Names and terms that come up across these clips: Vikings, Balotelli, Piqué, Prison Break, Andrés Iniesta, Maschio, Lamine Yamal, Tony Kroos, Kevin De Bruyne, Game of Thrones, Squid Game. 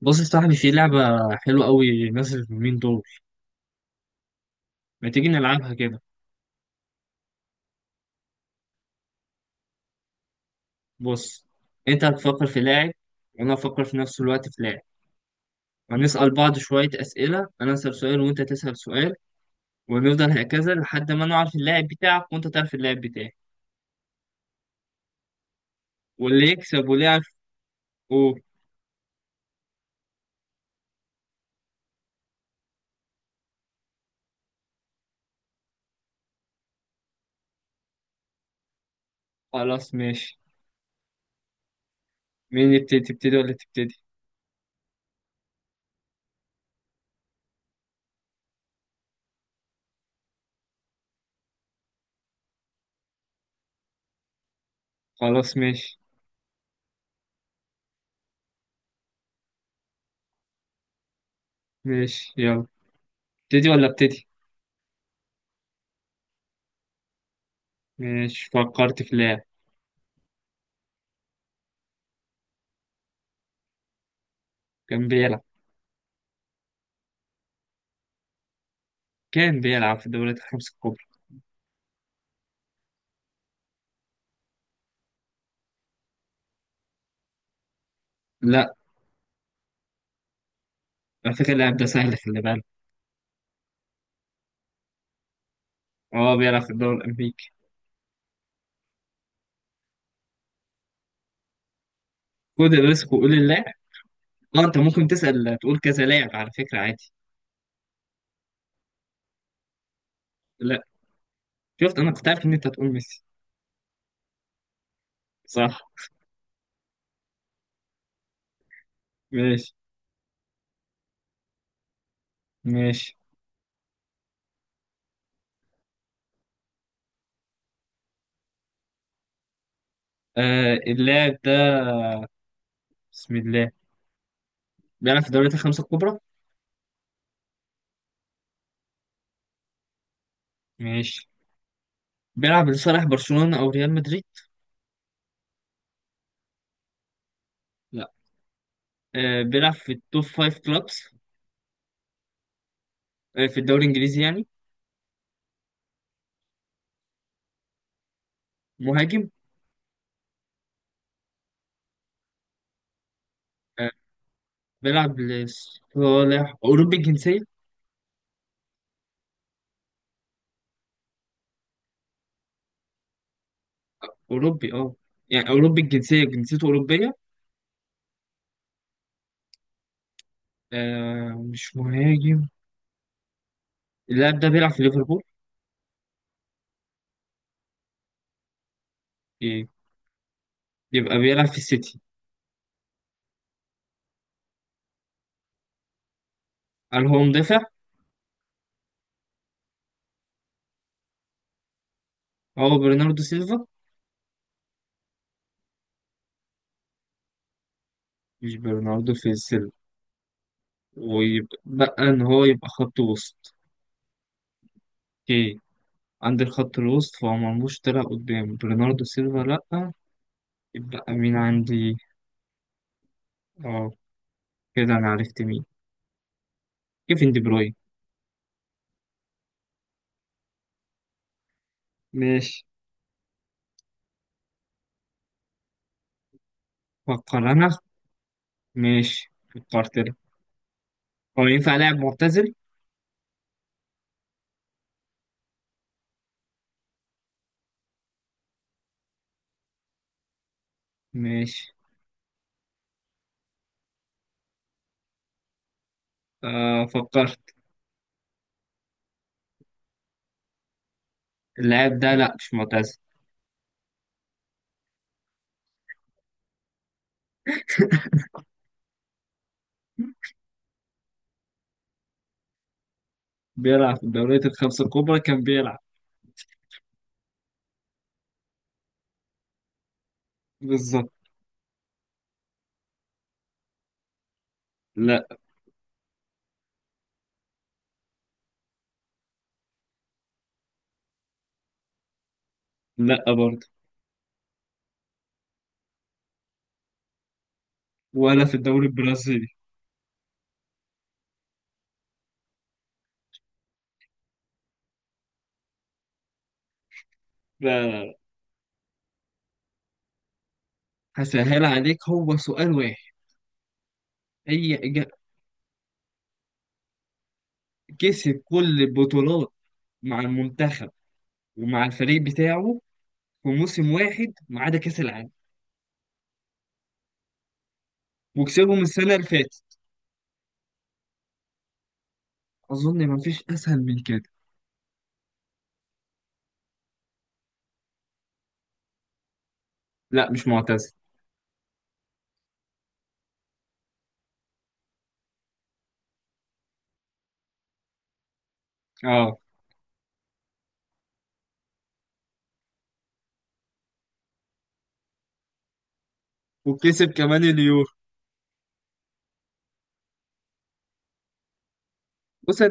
بص يا صاحبي، في لعبة حلوة قوي نازلة اليومين دول. ما تيجي نلعبها كده؟ بص، انت هتفكر في لاعب، وانا هفكر في نفس الوقت في لاعب. هنسأل بعض شوية أسئلة. أنا أسأل سؤال وأنت تسأل سؤال، ونفضل هكذا لحد ما نعرف اللاعب بتاعك وأنت تعرف اللاعب بتاعي، واللي يكسب ولعب. قول. خلاص ماشي. مين يبتدي، تبتدي ولا تبتدي؟ خلاص ماشي. ماشي يلا، ابتدي ولا ابتدي؟ ماشي، فكرت في لاعب. كان بيلعب. كان بيلعب في الدوريات الخمس الكبرى. لا. على فكرة اللاعب ده سهل، خلي بالك. اه، بيلعب في الدوري الامريكي. خد الريسك وقول اللاعب. اه، انت ممكن تسال تقول كذا لاعب على فكره، عادي. لا. شفت، انا كنت عارف ان انت هتقول ميسي. صح. ماشي. ماشي. آه، اللاعب ده، بسم الله، بيلعب في الدوريات الخمسه الكبرى. ماشي. بيلعب لصالح برشلونه او ريال مدريد. لا. آه، بيلعب في التوب فايف كلابس. آه، في الدوري الانجليزي يعني. مهاجم. آه، بيلعب لصالح اوروبي الجنسيه. اوروبي، اه. يعني اوروبي الجنسيه، جنسيته اوروبيه. آه، مش مهاجم. اللاعب ده بيلعب في ليفربول. إيه. يبقى بيلعب في السيتي. هل هو مدافع؟ هو برناردو سيلفا. مش برناردو في السيلفا. ويبقى بقى ان هو يبقى خط وسط. اوكي. عندي الخط الوسط، فهو مرموش طلع قدام برناردو سيلفا لأ. يبقى مين عندي؟ اه، كده انا عرفت مين. كيفن دي بروين. ماشي. فكر انا. ماشي، فكرت انا. هو ينفع لاعب معتزل. ماشي. آه، فكرت. اللاعب ده لأ، مش معتزل. بيلعب في الدوريات الخمسة الكبرى كان بيلعب. بالظبط. لا. لا برضه. ولا في الدوري البرازيلي. لا. هسهل عليك، هو سؤال واحد. هي إجا- كسب كل البطولات مع المنتخب ومع الفريق بتاعه في موسم واحد ما عدا كأس العالم، وكسبهم السنة اللي فاتت. أظن ما فيش أسهل من كده. لا، مش معتزل. اه، وكسب كمان اليورو. بص،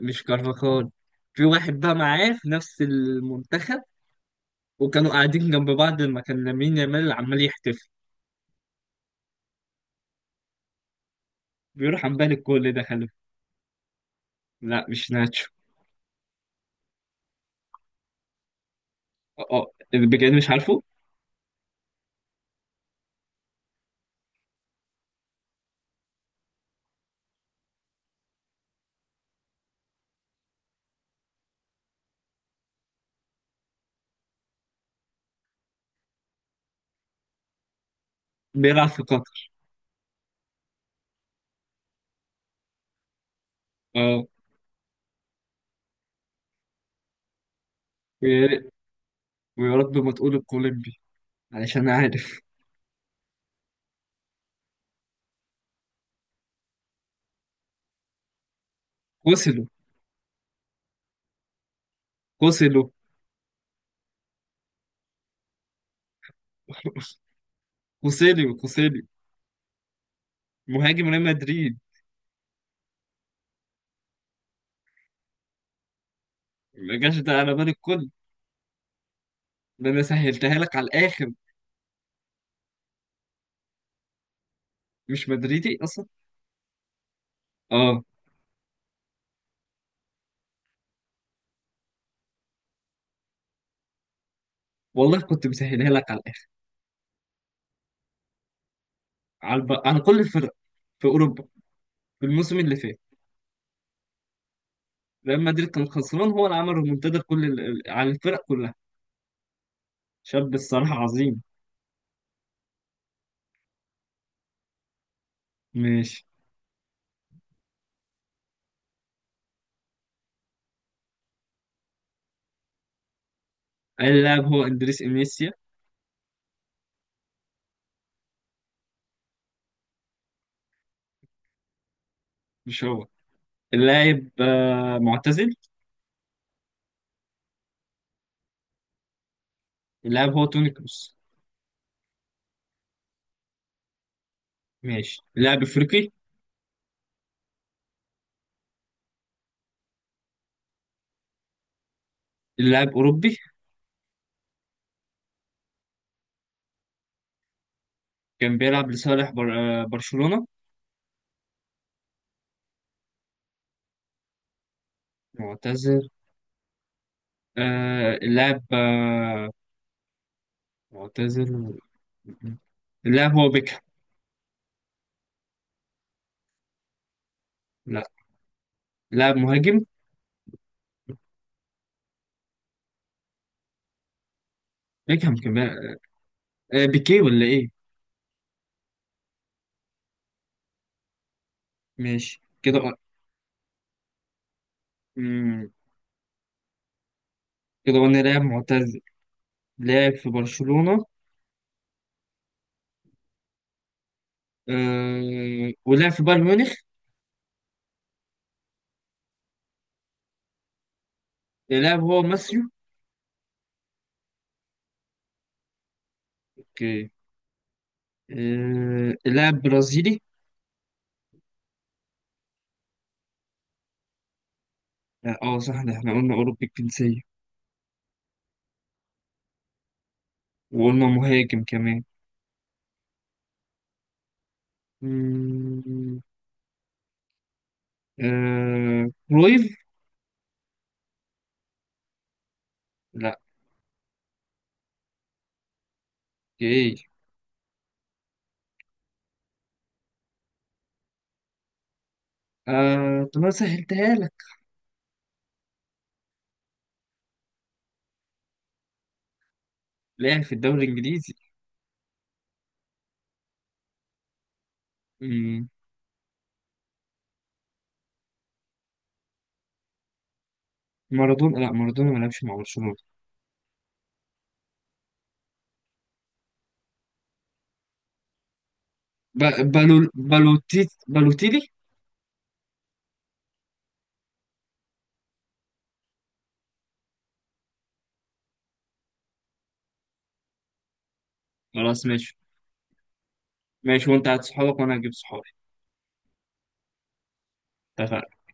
مش كارفاخال. في واحد بقى معاه في نفس المنتخب، وكانوا قاعدين جنب بعض لما كان لامين يامال عمال يحتفل، بيروح عمال الكل ده، خلي بالك. لا مش ناتشو. اه، اللي بجد مش عارفه. بيلعب في قطر. اه. ويا ريت- ويا رب ما تقول الكولومبي، علشان عارف. كوسيلو. كوسيلو. كوسيليو. كوسيليو. مهاجم ريال مدريد. ما جاش ده على بال الكل. ده انا سهلتها لك على الاخر. مش مدريدي اصلا. اه، والله كنت مسهلها لك على الاخر. على كل الفرق في اوروبا في الموسم اللي فات. ريال مدريد كان خسران، هو اللي عمل ريمونتادا على الفرق كلها. شاب الصراحه عظيم. ماشي. اللاعب هو اندريس انيسيا. مش هو. اللاعب معتزل. اللاعب هو توني كروس. ماشي. اللاعب افريقي. اللاعب اوروبي. كان بيلعب لصالح بر... آه، برشلونة. معتزل. اللاعب معتزل. اللاعب هو بيكهام. لا. اللاعب مهاجم. بيكهام كان بيلعب. بيكيه ولا ايه؟ ماشي كده. مم. كده قلنا لاعب معتزل. لاعب في برشلونة. ولاعب في بايرن ميونخ. اللاعب هو ماسيو. اوكي. اللاعب برازيلي. لا، اه، صح، ده احنا قلنا أوروبي الجنسية، وقلنا مهاجم كمان. مم، كرويف. لا. ايه. طب انا سهلتها لك. لعب في الدوري الانجليزي. مم، مارادونا، لا مارادونا ما لعبش مع برشلونة. بالوتيلي. خلاص ماشي. ماشي، وانت هات صحابك وانا هجيب صحابي. اتفقنا.